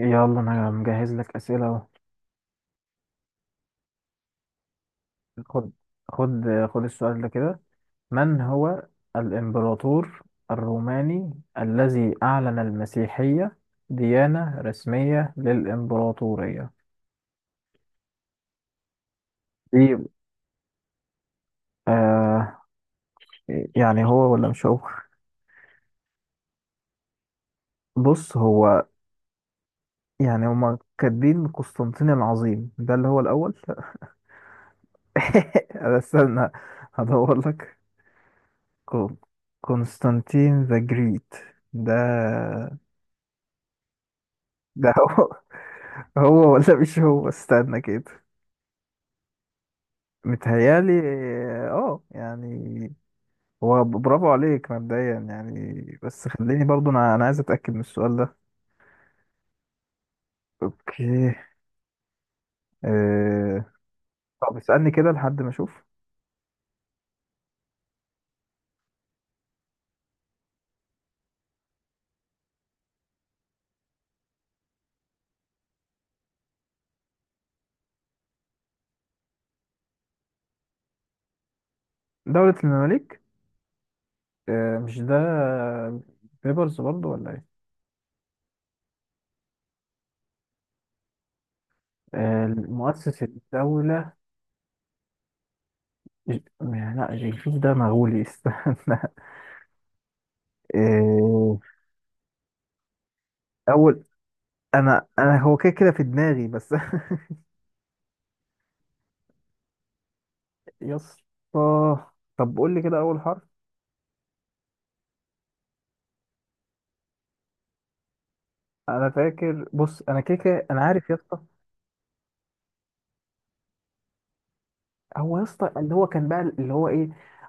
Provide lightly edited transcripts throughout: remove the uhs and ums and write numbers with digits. يلا انا مجهز لك اسئله اهو. خد خد خد السؤال ده كده. من هو الامبراطور الروماني الذي اعلن المسيحيه ديانه رسميه للامبراطوريه؟ دي آه يعني هو ولا مش هو؟ بص هو، يعني هما كاتبين قسطنطين العظيم ده اللي هو الاول. أنا استنى هدور لك. كون- قسطنطين ذا جريت، ده ده هو هو ولا مش هو؟ استنى كده. متهيالي، اه يعني هو، برافو عليك مبدئيا يعني، بس خليني برضو انا عايز اتاكد من السؤال ده. اوكي آه... طب اسالني كده لحد ما اشوف. دولة المماليك؟ آه، مش ده بيبرز برضو ولا ايه؟ آه مؤسس الدولة. لا جنكيز ده مغولي. استنى آه... اول، انا هو كده في دماغي بس. يا اسطى طب قول لي كده اول حرف. انا فاكر، بص انا كده انا عارف يا اسطى. هو يا اسطى اللي هو كان بقى اللي هو ايه؟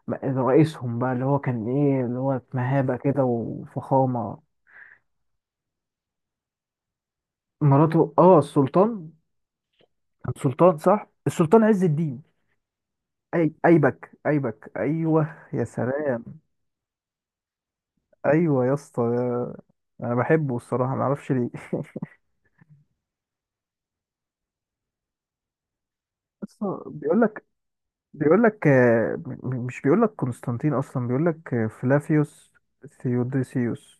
م- رئيسهم بقى اللي هو كان ايه، اللي هو مهابة كده وفخامة. مراته، اه السلطان. كان سلطان، صح، السلطان عز الدين. اي ايبك ايوه يا سلام. ايوه يا اسطى انا بحبه الصراحة، ما اعرفش ليه. بس بيقول لك، مش بيقول لك قسطنطين اصلا، بيقول لك فلافيوس ثيوديسيوس.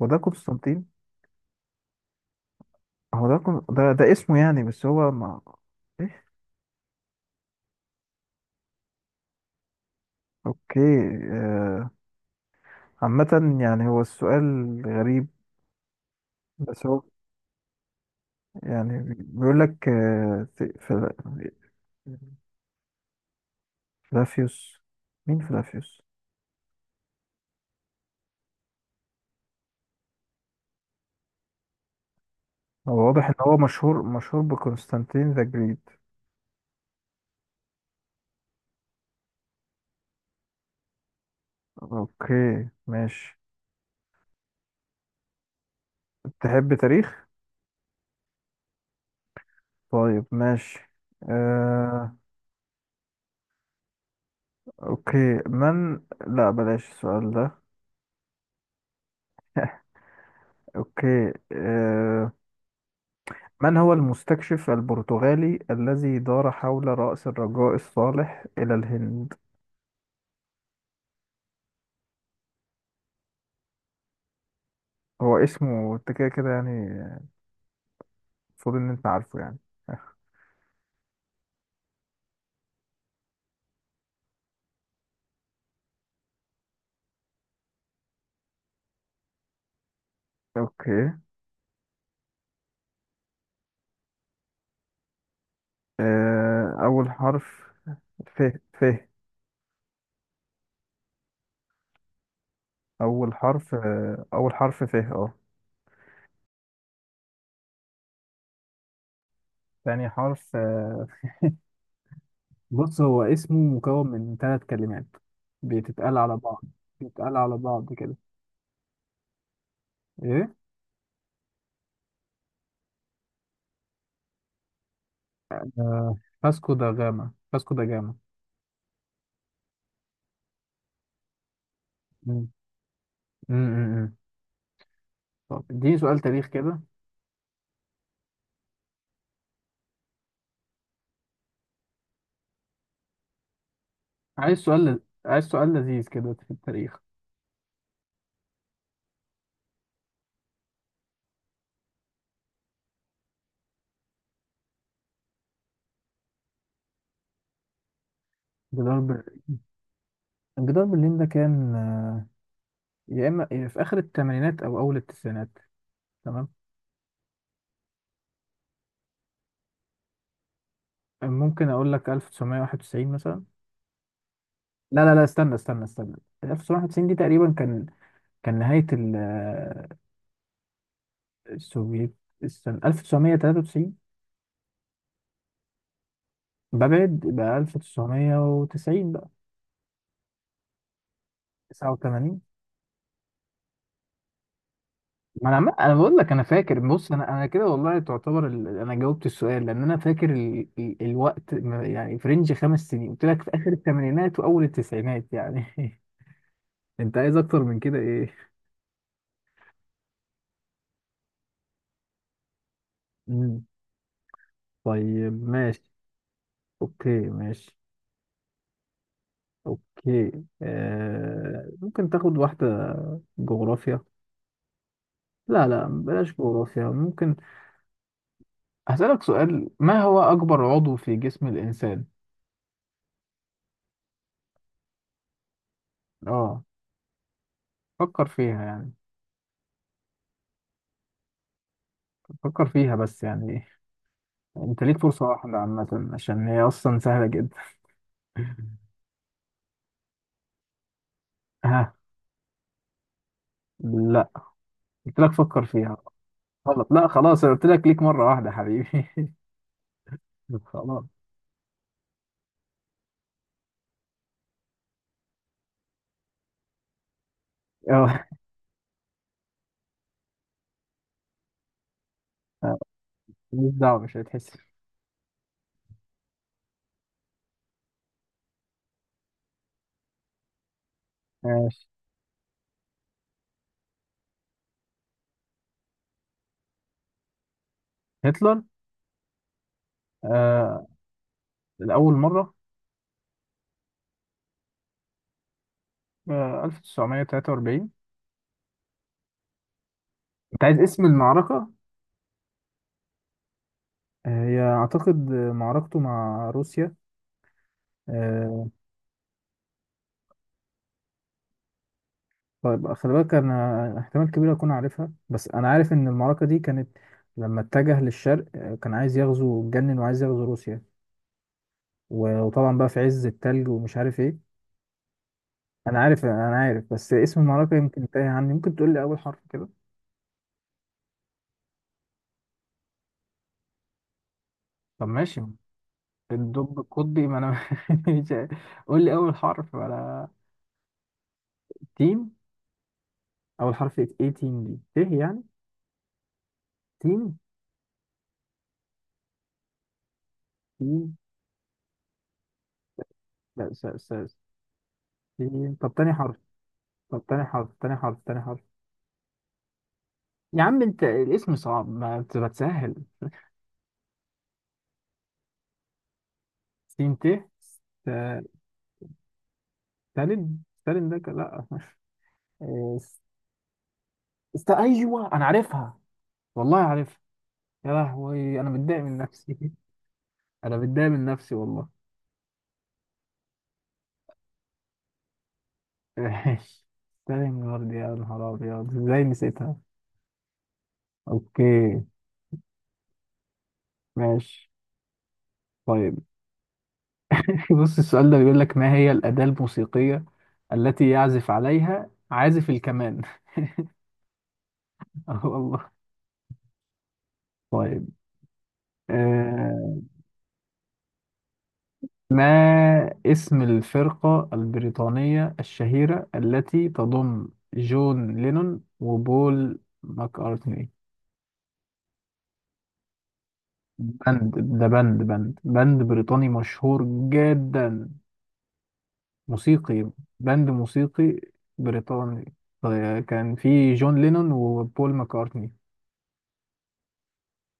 هو ده قسطنطين؟ هو ده ده اسمه يعني، بس هو ما ايه. اوكي آه، عامة يعني هو السؤال غريب. بس هو يعني بيقول لك فلافيوس. مين فلافيوس؟ هو واضح ان هو مشهور بقسطنطين ذا جريت. اوكي ماشي. تحب تاريخ؟ طيب ماشي آه اوكي. من، لا بلاش السؤال ده. اوكي من هو المستكشف البرتغالي الذي دار حول رأس الرجاء الصالح إلى الهند؟ هو اسمه انت كده يعني، المفروض ان انت عارفه يعني. اوكي اول حرف ف ف. اول حرف اول حرف ف اه. تاني حرف بص هو اسمه مكون من ثلاث كلمات بتتقال على بعض. بتتقال على بعض كده. ايه آه، فاسكو دا جاما، فاسكو دا جاما. مم. مم، مم، مم. طب اديني سؤال تاريخ كده. عايز سؤال، عايز سؤال لذيذ كده في التاريخ. جدار بر... جدار برلين ده كان يا اما في اخر الثمانينات او اول التسعينات. تمام، ممكن اقول لك 1991 مثلا. لا استنى. 1991 دي تقريبا كان، كان نهاية السوفييت. استنى 1993. ببعد؟ يبقى 1990 بقى. 89؟ ما انا عم... انا بقول لك انا فاكر، بص انا كده والله، تعتبر انا جاوبت السؤال، لان انا فاكر الوقت يعني في رينج خمس سنين، قلت لك في اخر الثمانينات واول التسعينات يعني. انت عايز اكتر من كده ايه؟ مم. طيب ماشي. اوكي ماشي. اوكي ممكن تاخد واحدة جغرافيا؟ لا لا بلاش جغرافيا. ممكن هسألك سؤال، ما هو اكبر عضو في جسم الانسان؟ اه فكر فيها يعني، فكر فيها بس يعني. انت ليك فرصة واحدة عامة، عشان هي اصلا سهلة جدا. ها؟ لا، قلت لك فكر فيها. غلط، لا خلاص، أنا قلت لك ليك مرة واحدة حبيبي. خلاص اه، مش دعوة، مش هتحس. ماشي. هتلر آه الأول مرة؟ 1943. أنت عايز اسم المعركة؟ هي أعتقد معركته مع روسيا. آه، طيب خلي بالك انا احتمال كبير اكون عارفها، بس انا عارف ان المعركه دي كانت لما اتجه للشرق. كان عايز يغزو، اتجنن وعايز يغزو روسيا، وطبعا بقى في عز التلج ومش عارف ايه. انا عارف بس اسم المعركه يمكن تايه عني. ممكن تقول لي اول حرف كده؟ طب ماشي. الدب القطبي، ما انا مش عارف. قول لي اول حرف ولا؟ تيم. اول حرف ايه؟ تيم دي ت يعني؟ تيم. تيم؟ لا، س س. تيم؟ طب تاني حرف؟ طب تاني حرف. يا عم انت الاسم صعب، ما بتسهل. سين ت. ست- ستالين؟ ستالين ده كان، لا. إيه، است، ايوه انا عارفها، والله عارفها. يا لهوي انا متضايق من نفسي. انا متضايق من نفسي والله. ماشي، ستالين جارد، يا نهار ابيض ازاي نسيتها. اوكي ماشي طيب. بص السؤال ده بيقول لك، ما هي الاداة الموسيقية التي يعزف عليها عازف الكمان؟ والله. طيب آه، ما اسم الفرقة البريطانية الشهيرة التي تضم جون لينون وبول ماكارتني؟ باند، ده باند بريطاني مشهور جدا، موسيقي. باند موسيقي بريطاني كان في جون لينون وبول ماكارتني.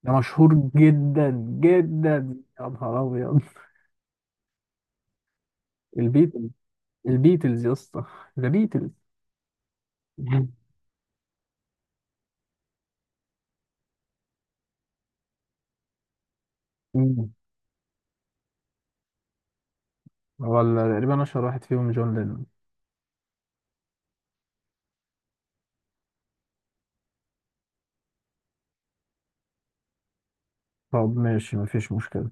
ده مشهور جدا جدا، يا نهار أبيض. البيتلز، البيتلز يا اسطى، ذا بيتلز. ولا تقريبا أشهر واحد فيهم جون لينون. طب ماشي مفيش مشكلة.